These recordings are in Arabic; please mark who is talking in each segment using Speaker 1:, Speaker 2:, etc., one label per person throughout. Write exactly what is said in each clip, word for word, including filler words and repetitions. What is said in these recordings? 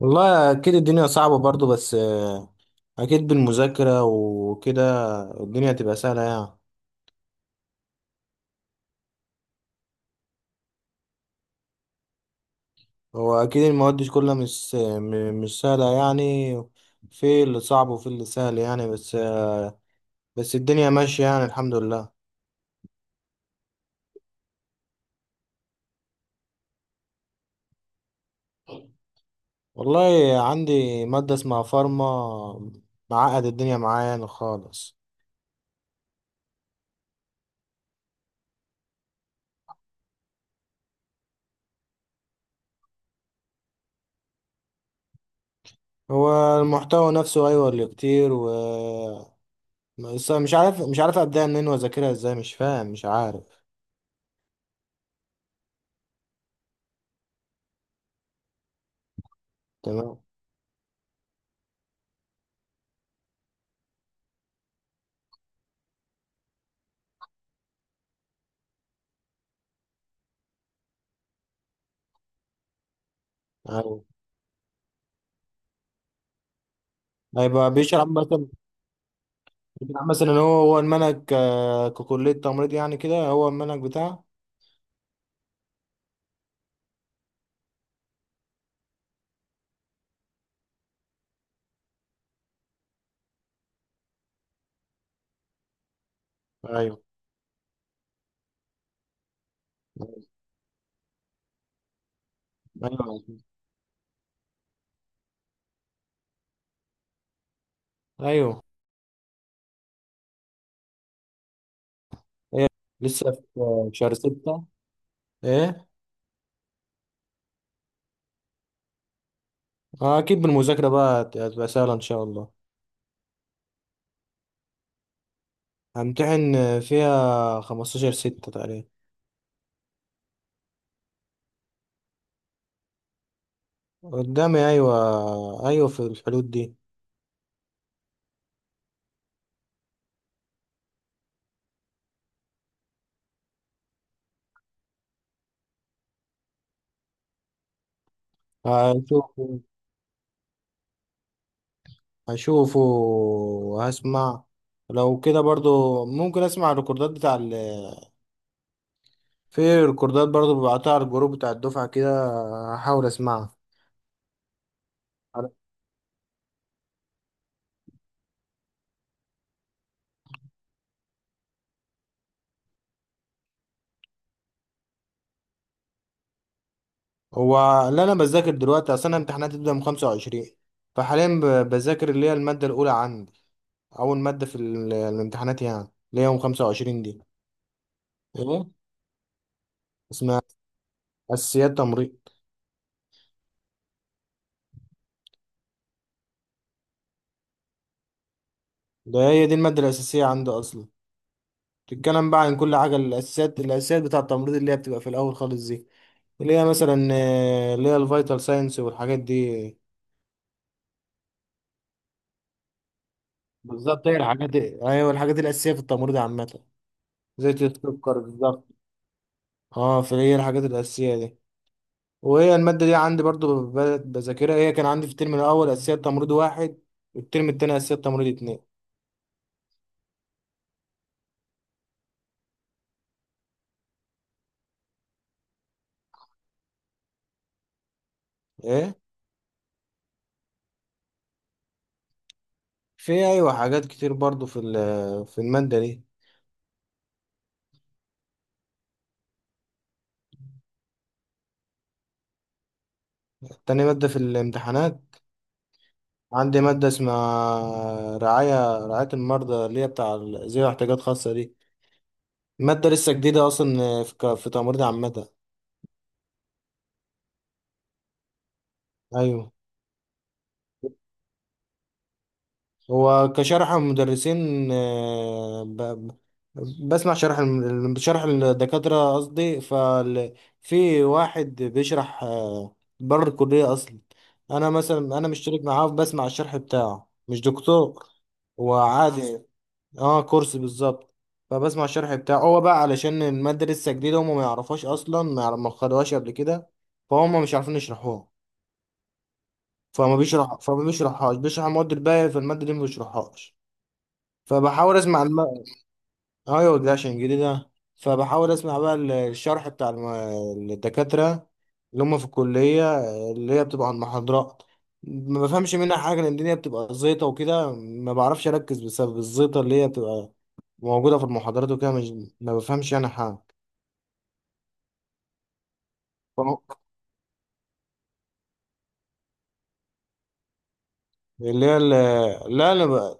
Speaker 1: والله اكيد الدنيا صعبة برضو بس آه، اكيد بالمذاكرة وكده الدنيا تبقى سهلة يعني. هو اكيد المواد دي كلها مش م- مش سهلة يعني، في اللي صعب وفي اللي سهل يعني بس بس الدنيا ماشية يعني، الحمد لله. والله عندي مادة اسمها فارما، معقد الدنيا معايا يعني خالص. هو المحتوى نفسه ايوه اللي كتير و بس مش عارف مش عارف ابدأ منين واذاكرها ازاي، مش فاهم مش عارف. تمام. أيوة. هيبقى بيشرح مثلا، بيشرح مثلا ان هو هو المنهج، آه، ككلية تمريض يعني كده هو المنهج بتاعه. ايوه، ايوه، ايوه. إيه. لسه في شهر ستة. ايه. آه، اكيد بالمذاكرة بقى هت- هتبقى سهلة ان شاء الله. همتحن فيها خمستاشر ستة تقريبا. قدامي، ايوه، ايوه، في الحدود دي. هشوفه هشوفه وهسمع. لو كده برضو ممكن اسمع الريكوردات بتاع، في ريكوردات برضو ببعتها على الجروب بتاع الدفعة كده، هحاول اسمعها. هو اللي انا بذاكر دلوقتي، اصل انا امتحاناتي بتبدأ من خمسة و عشرين. فحاليا ب- بذاكر اللي هي المادة الأولى عندي، أول مادة في ال- الامتحانات يعني، اللي هي يوم خمسة وعشرين دي. ايه. اسمها أساسيات تمريض. ده هي دي المادة الأساسية عندي أصلا. تتكلم بقى عن كل حاجة، الأساسيات الأساسيات بتاع التمريض، اللي هي بتبقى في الأول خالص دي. اللي هي مثلا آه، اللي هي الفيتال ساينس والحاجات دي. بالظبط، هي الحاجات، ايوه، الحاجات الاساسيه في التمريض عامه. زيت السكر بالظبط. اه، فهي الحاجات الاساسيه دي. وهي الماده دي عندي برضو ب- ب- بذاكرها. هي كان عندي في الترم الاول اساسيه تمريض واحد، والترم التاني اساسيه تمريض اتنين. ايه. في، ايوه، حاجات كتير برضو في ال- في الماده دي. تاني ماده في الامتحانات عندي ماده اسمها رعايه رعايه المرضى، اللي هي بتاع ال- ذوي احتياجات خاصه دي. ماده لسه جديده اصلا في ك- في تمريض عامه. ايوه. هو كشرح المدرسين، آه، ب... ب- بسمع شرح الم- شرح الدكاترة قصدي. ففي واحد بيشرح آه، بره الكلية أصلا. أنا مثلا، أنا مشترك معاه بسمع الشرح بتاعه، مش دكتور، هو عادي، اه كورس بالظبط. فبسمع الشرح بتاعه هو بقى علشان المادة لسه جديدة، هما ما يعرفوش أصلا، ما يعرف- ما خدوهاش قبل كده، فهم مش عارفين يشرحوها. فما بيشرح فما بيشرحهاش، بيشرح المواد الباقية، في المادة دي ما بيشرحهاش. فبحاول اسمع الم... ايوه ده عشان جديدة. فبحاول اسمع بقى ال- الشرح بتاع الم... الدكاترة، اللي هم في الكلية، اللي هي بتبقى عن محاضرات. ما بفهمش منها حاجة، لأن الدنيا بتبقى زيطة وكده، ما بعرفش أركز بسبب الزيطة اللي هي بتبقى موجودة في المحاضرات، وكده مش... ما بفهمش يعني حاجة. فهو- اللي هي ال... لا، أنا ب...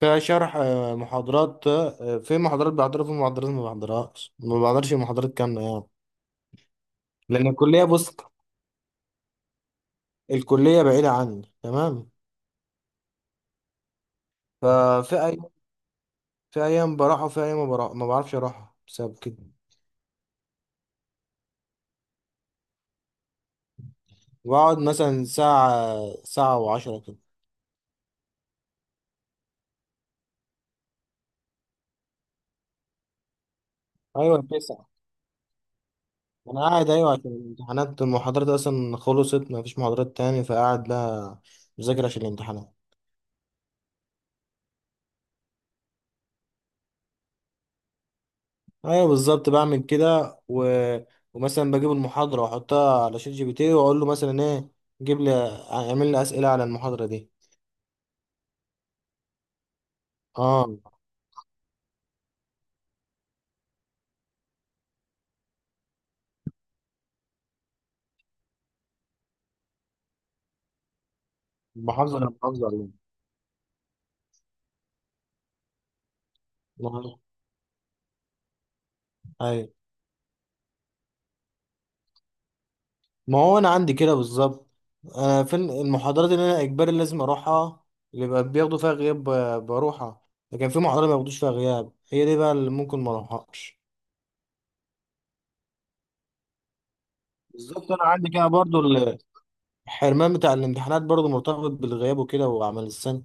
Speaker 1: كشرح، آه، محاضرات، آه، في محاضرات بحضرها، في محاضرات ما بحضرهاش، ما بحضرش محاضرات كاملة يعني. لأن الكلية، بص، الكلية بعيدة عني تمام. ففي أيام، في أيام بروح وفي أيام ما بروح، ما بعرفش أروح بسبب كده. بقعد مثلا ساعة، ساعة وعشرة كده. أيوة تسعة. أنا قاعد، أيوة، عشان الامتحانات، المحاضرات أصلا خلصت مفيش محاضرات تاني، فقاعد بقى مذاكر عشان الامتحانات. أيوة بالظبط، بعمل كده و... ومثلا بجيب المحاضرة وأحطها على شات جي بي تي وأقول له مثلا إيه، جيب لي، اعمل لي أسئلة على المحاضرة دي. أه. محافظة، أنا محافظة عليها. أيوة. ما هو انا عندي كده بالظبط، انا في المحاضرات اللي انا اجباري لازم اروحها، اللي بقى بياخدوا فيها غياب، ب- بروحها. لكن في محاضرات ما بياخدوش فيها غياب، هي دي بقى اللي ممكن ما اروحهاش. بالظبط انا عندي كده برضو ال- الحرمان بتاع الامتحانات برضو مرتبط بالغياب وكده وعمل السنه.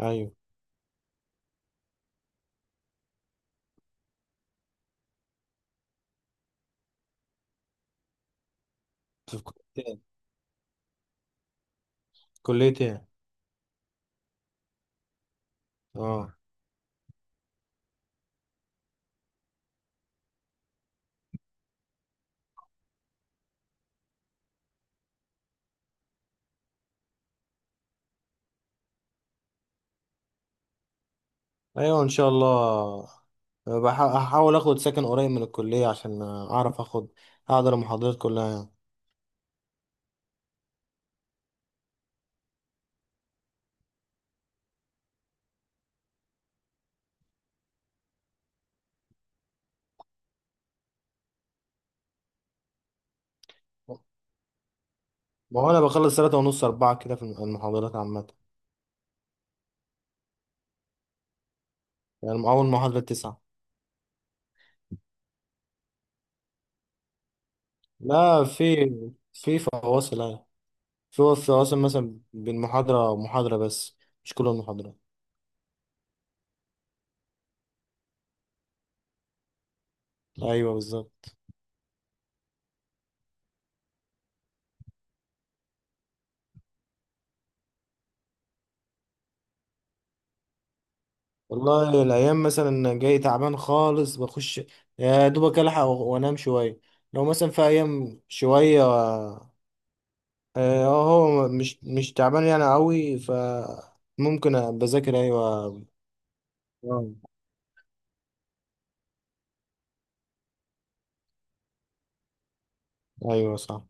Speaker 1: ايوه. في كليتين، كليتين. اه. ايوه ان شاء الله. بح- هحاول اخد سكن قريب من الكليه عشان اعرف، اخد احضر المحاضرات كلها يعني. ما هو انا بخلص ثلاثة ونص، أربعة كده في المحاضرات عامة. يعني من أول محاضرة تسعة. لا، في، في فواصل أيوة، في فواصل مثلا بين محاضرة ومحاضرة بس، مش كل المحاضرات. أيوة بالظبط. والله الأيام مثلا جاي تعبان خالص بخش، يا دوبك ألحق و- وأنام شوية. لو مثلا في أيام شوية، آه، هو مش مش تعبان يعني أوي، فممكن بذاكر أيوة. آه، أيوة صح.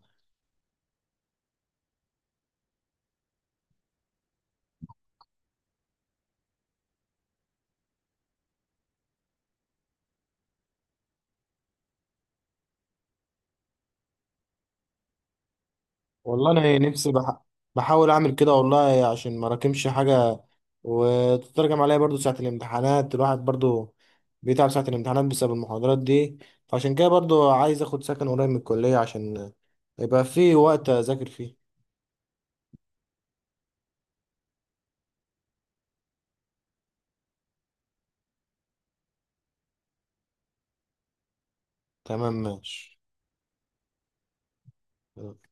Speaker 1: والله انا نفسي بح... بحاول اعمل كده والله عشان ما راكمش حاجه، وتترجم عليا برضو ساعه الامتحانات، الواحد برضو بيتعب ساعه الامتحانات بسبب المحاضرات دي. فعشان كده برضو عايز اخد سكن قريب من الكليه عشان يبقى في وقت اذاكر فيه. تمام، ماشي.